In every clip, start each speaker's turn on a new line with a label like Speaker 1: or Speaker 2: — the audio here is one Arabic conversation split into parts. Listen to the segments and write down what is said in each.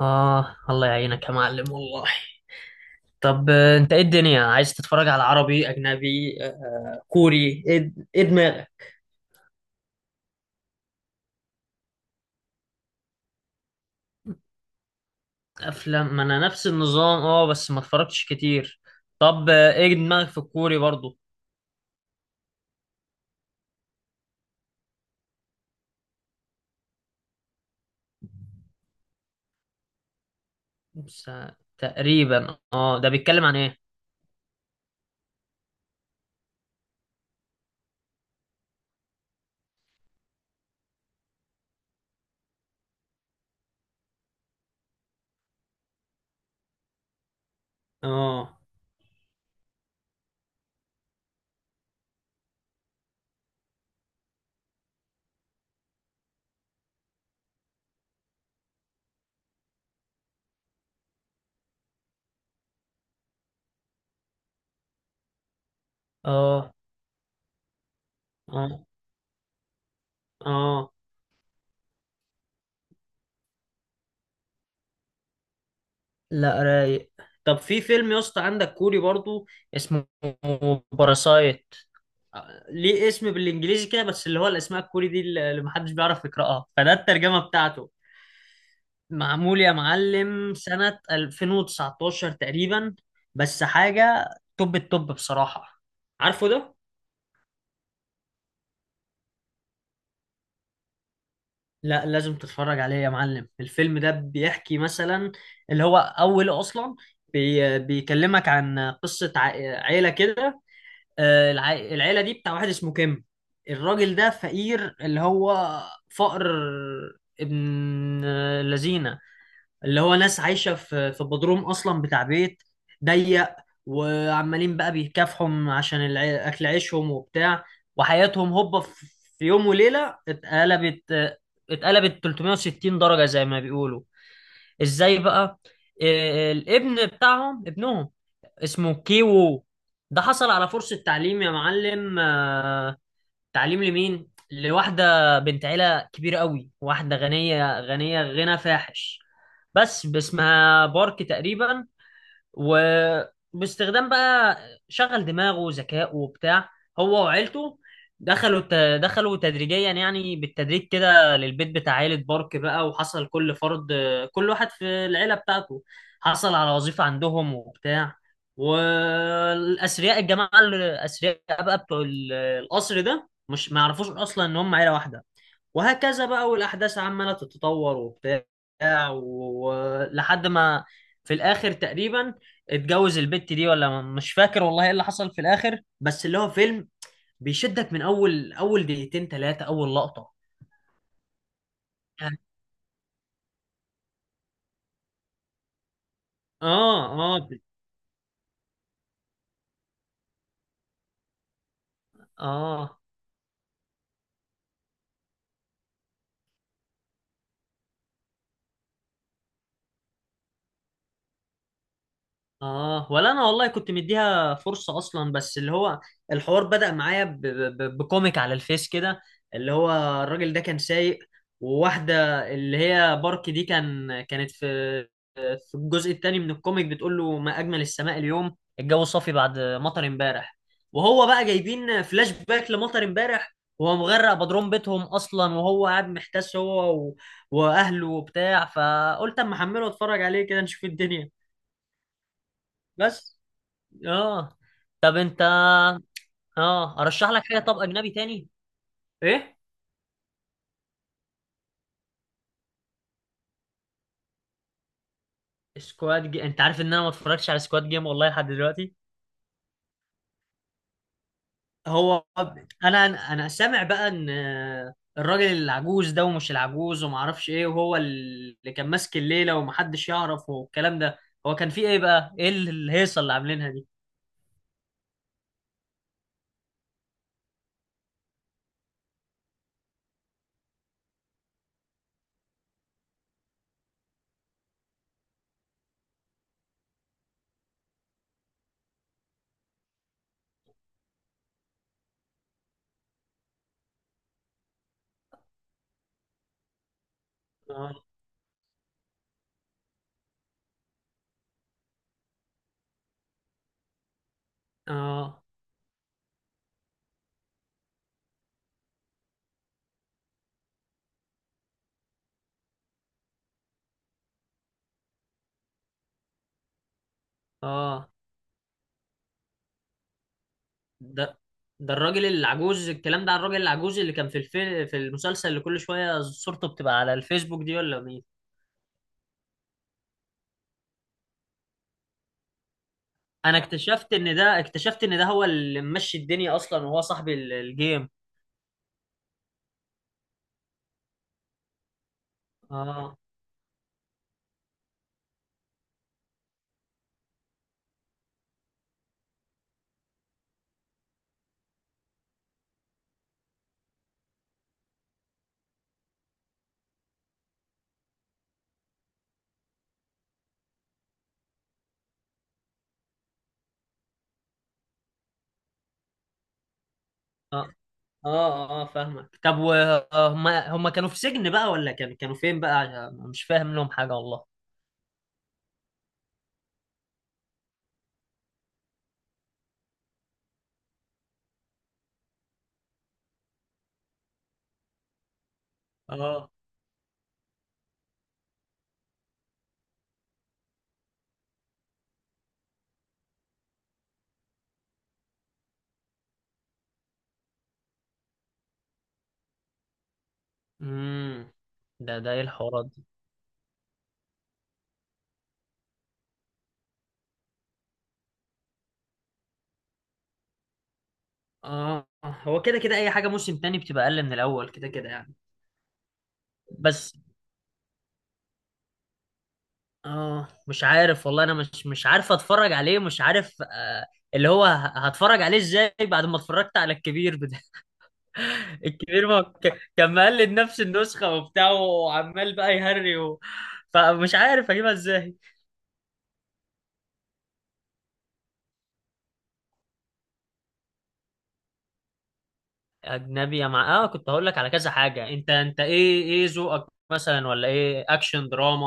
Speaker 1: آه، الله يعينك يا معلم والله. طب، أنت إيه الدنيا؟ عايز تتفرج على عربي، أجنبي، كوري؟ إيه دماغك؟ أفلام؟ ما أنا نفس النظام، بس ما اتفرجتش كتير. طب، إيه دماغك في الكوري برضو؟ بس، تقريبا. ده بيتكلم عن إيه؟ أه. أه. أه. أه. لا، رايق. طب، في فيلم يا اسطى عندك كوري برضو، اسمه باراسايت. ليه اسم بالانجليزي كده؟ بس اللي هو الاسماء الكوري دي اللي محدش بيعرف يقراها، فده الترجمه بتاعته. معمول يا معلم سنه 2019 تقريبا، بس حاجه توب التوب بصراحه. عارفه ده؟ لا، لازم تتفرج عليه يا معلم. الفيلم ده بيحكي مثلا، اللي هو اوله اصلا، بيكلمك عن قصه عيله كده. العيلة دي بتاع واحد اسمه كيم. الراجل ده فقير، اللي هو فقر ابن لذينة، اللي هو ناس عايشة في بدروم أصلا بتاع بيت ضيق، وعمالين بقى بيكافحوا عشان أكل عيشهم وبتاع. وحياتهم هوبا في يوم وليلة اتقلبت، 360 درجة زي ما بيقولوا. ازاي بقى؟ الابن بتاعهم، ابنهم اسمه كيوو، ده حصل على فرصة تعليم يا معلم، تعليم لمين؟ لواحدة بنت عيلة كبيرة قوي، واحدة غنية غنية غنى فاحش، بس اسمها بارك تقريبا. وباستخدام بقى شغل دماغه وذكائه وبتاع، هو وعيلته، دخلوا تدريجيا يعني بالتدريج كده للبيت بتاع عيلة بارك بقى، وحصل كل فرد، كل واحد في العيلة بتاعته، حصل على وظيفة عندهم وبتاع. والأثرياء، الجماعة الأثرياء بقى، بتوع القصر ده مش ما يعرفوش أصلا إن هم عيلة واحدة. وهكذا بقى، والأحداث عمالة تتطور وبتاع، ولحد ما في الآخر تقريبا اتجوز البت دي، ولا مش فاكر والله ايه اللي حصل في الآخر، بس اللي هو فيلم بيشدك من أول أول دقيقتين ثلاثة، أول لقطة. اه. اه. اه. اه. ولا انا والله كنت مديها فرصه اصلا، بس اللي هو الحوار بدأ معايا بكوميك على الفيس كده، اللي هو الراجل ده كان سايق، وواحده اللي هي بارك دي كانت في الجزء الثاني من الكوميك بتقول له: ما اجمل السماء اليوم، الجو صافي بعد مطر امبارح. وهو بقى جايبين فلاش باك لمطر امبارح، وهو مغرق بضرمبتهم اصلا، وهو قاعد محتاس هو واهله وبتاع. فقلت اما احمله واتفرج عليه كده، نشوف الدنيا. بس. اه. طب انت. اه ارشح لك حاجه. طب، اجنبي تاني؟ ايه؟ انت عارف ان انا ما اتفرجتش على سكواد جيم والله لحد دلوقتي؟ هو انا انا سامع بقى ان الراجل العجوز ده، ومش العجوز وما اعرفش ايه، وهو اللي كان ماسك الليله ومحدش يعرف والكلام ده. هو كان فيه ايه بقى؟ ايه الهيصه اللي عاملينها دي؟ اه. اه. اه. ده ده الراجل العجوز، الكلام ده عن الراجل العجوز اللي كان في في المسلسل، اللي كل شويه صورته بتبقى على الفيسبوك دي ولا مين؟ انا اكتشفت ان ده اكتشفت ان ده هو اللي ممشي الدنيا اصلا، وهو صاحب الجيم. اه. اه. اه. اه. فاهمك. طب، وهم كانوا في سجن بقى، ولا كانوا فين بقى؟ عشان مش فاهم لهم حاجة والله. اه. امم ده ايه الحوارات دي؟ اه. هو كده كده، اي حاجة موسم تاني بتبقى اقل من الاول كده كده يعني. بس، اه مش عارف والله. انا مش عارف اتفرج عليه، مش عارف اللي هو هتفرج عليه ازاي بعد ما اتفرجت على الكبير؟ الكبير ما كان مقلد نفس النسخة وبتاع، وعمال بقى يهري فمش عارف اجيبها ازاي. اجنبي؟ يا مع اه كنت هقول لك على كذا حاجة. انت ايه ذوقك مثلا ولا ايه، اكشن، دراما،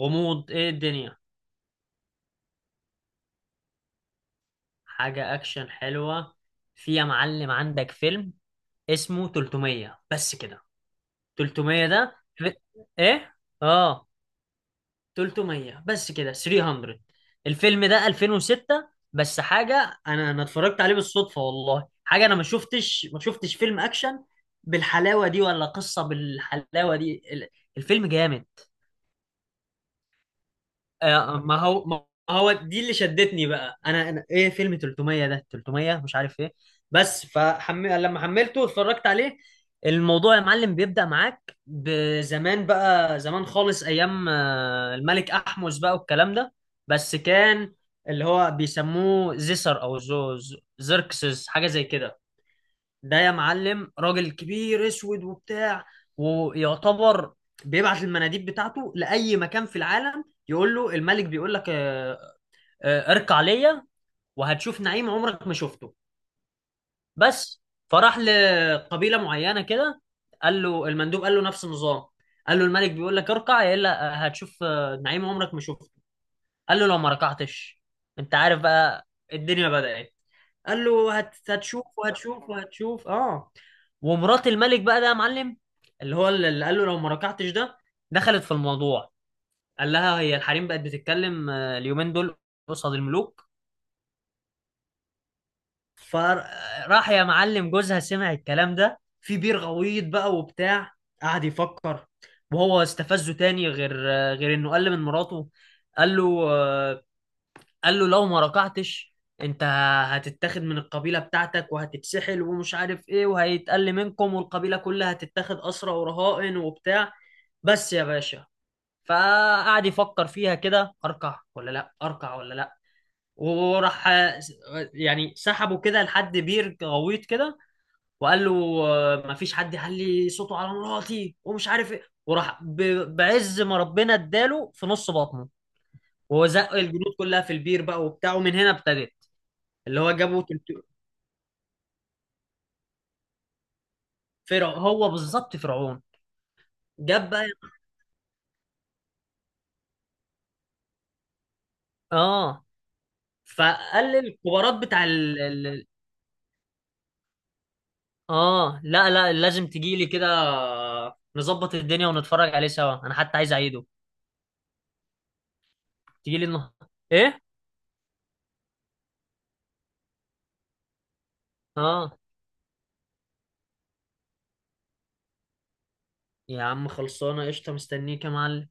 Speaker 1: غموض، ايه الدنيا؟ حاجة اكشن حلوة. في يا معلم عندك فيلم اسمه 300، بس كده. 300 ده ايه؟ اه. 300، بس كده. 300. الفيلم ده 2006، بس حاجه. انا اتفرجت عليه بالصدفه والله. حاجه، انا ما شفتش فيلم اكشن بالحلاوه دي، ولا قصه بالحلاوه دي. الفيلم جامد. ما هو دي اللي شدتني بقى. انا ايه، فيلم 300 ده، 300 مش عارف ايه. بس لما حملته اتفرجت عليه. الموضوع يا معلم بيبدأ معاك بزمان بقى، زمان خالص، ايام الملك احمس بقى والكلام ده. بس كان اللي هو بيسموه زيسر، او زركسس، حاجة زي كده. ده يا معلم راجل كبير اسود وبتاع، ويعتبر بيبعت المناديب بتاعته لاي مكان في العالم. يقول له: الملك بيقول لك اركع ليا، وهتشوف نعيم عمرك ما شفته. بس فراح لقبيله معينه كده، قال له المندوب قال له نفس النظام: قال له الملك بيقول لك اركع يا الا، هتشوف نعيم عمرك ما شفته. قال له لو ما ركعتش... انت عارف بقى، الدنيا بدأت. قال له: هتشوف وهتشوف وهتشوف. اه. ومرات الملك بقى ده يا معلم، اللي هو اللي قال له لو ما ركعتش ده، دخلت في الموضوع. قال لها: هي الحريم بقت بتتكلم اليومين دول قصاد الملوك؟ فراح يا معلم، جوزها سمع الكلام ده في بير غويط بقى وبتاع، قعد يفكر. وهو استفزه تاني غير انه قل من مراته. قال له آه، قال له لو ما ركعتش: انت هتتاخد من القبيلة بتاعتك، وهتتسحل ومش عارف ايه، وهيتقل منكم، والقبيلة كلها هتتاخد أسرى ورهائن وبتاع. بس يا باشا. فقعد يفكر فيها كده: اركع ولا لا، اركع ولا لا؟ وراح، يعني سحبه كده لحد بير غويط كده، وقال له: ما فيش حد يعلي صوته على مراتي ومش عارف ايه. وراح بعز ما ربنا اداله في نص بطنه، وهو زق الجنود كلها في البير بقى وبتاعه. من هنا ابتدت. اللي هو جابوا تلت- فرع هو بالظبط فرعون، جاب بقى. اه. فقلل الكبارات بتاع اه. لا، لا، لازم تجيلي كده، نظبط الدنيا ونتفرج عليه سوا. انا حتى عايز اعيده. تجيلي النهارده؟ ايه؟ اه. يا عم، خلصانه قشطه، مستنيك يا معلم.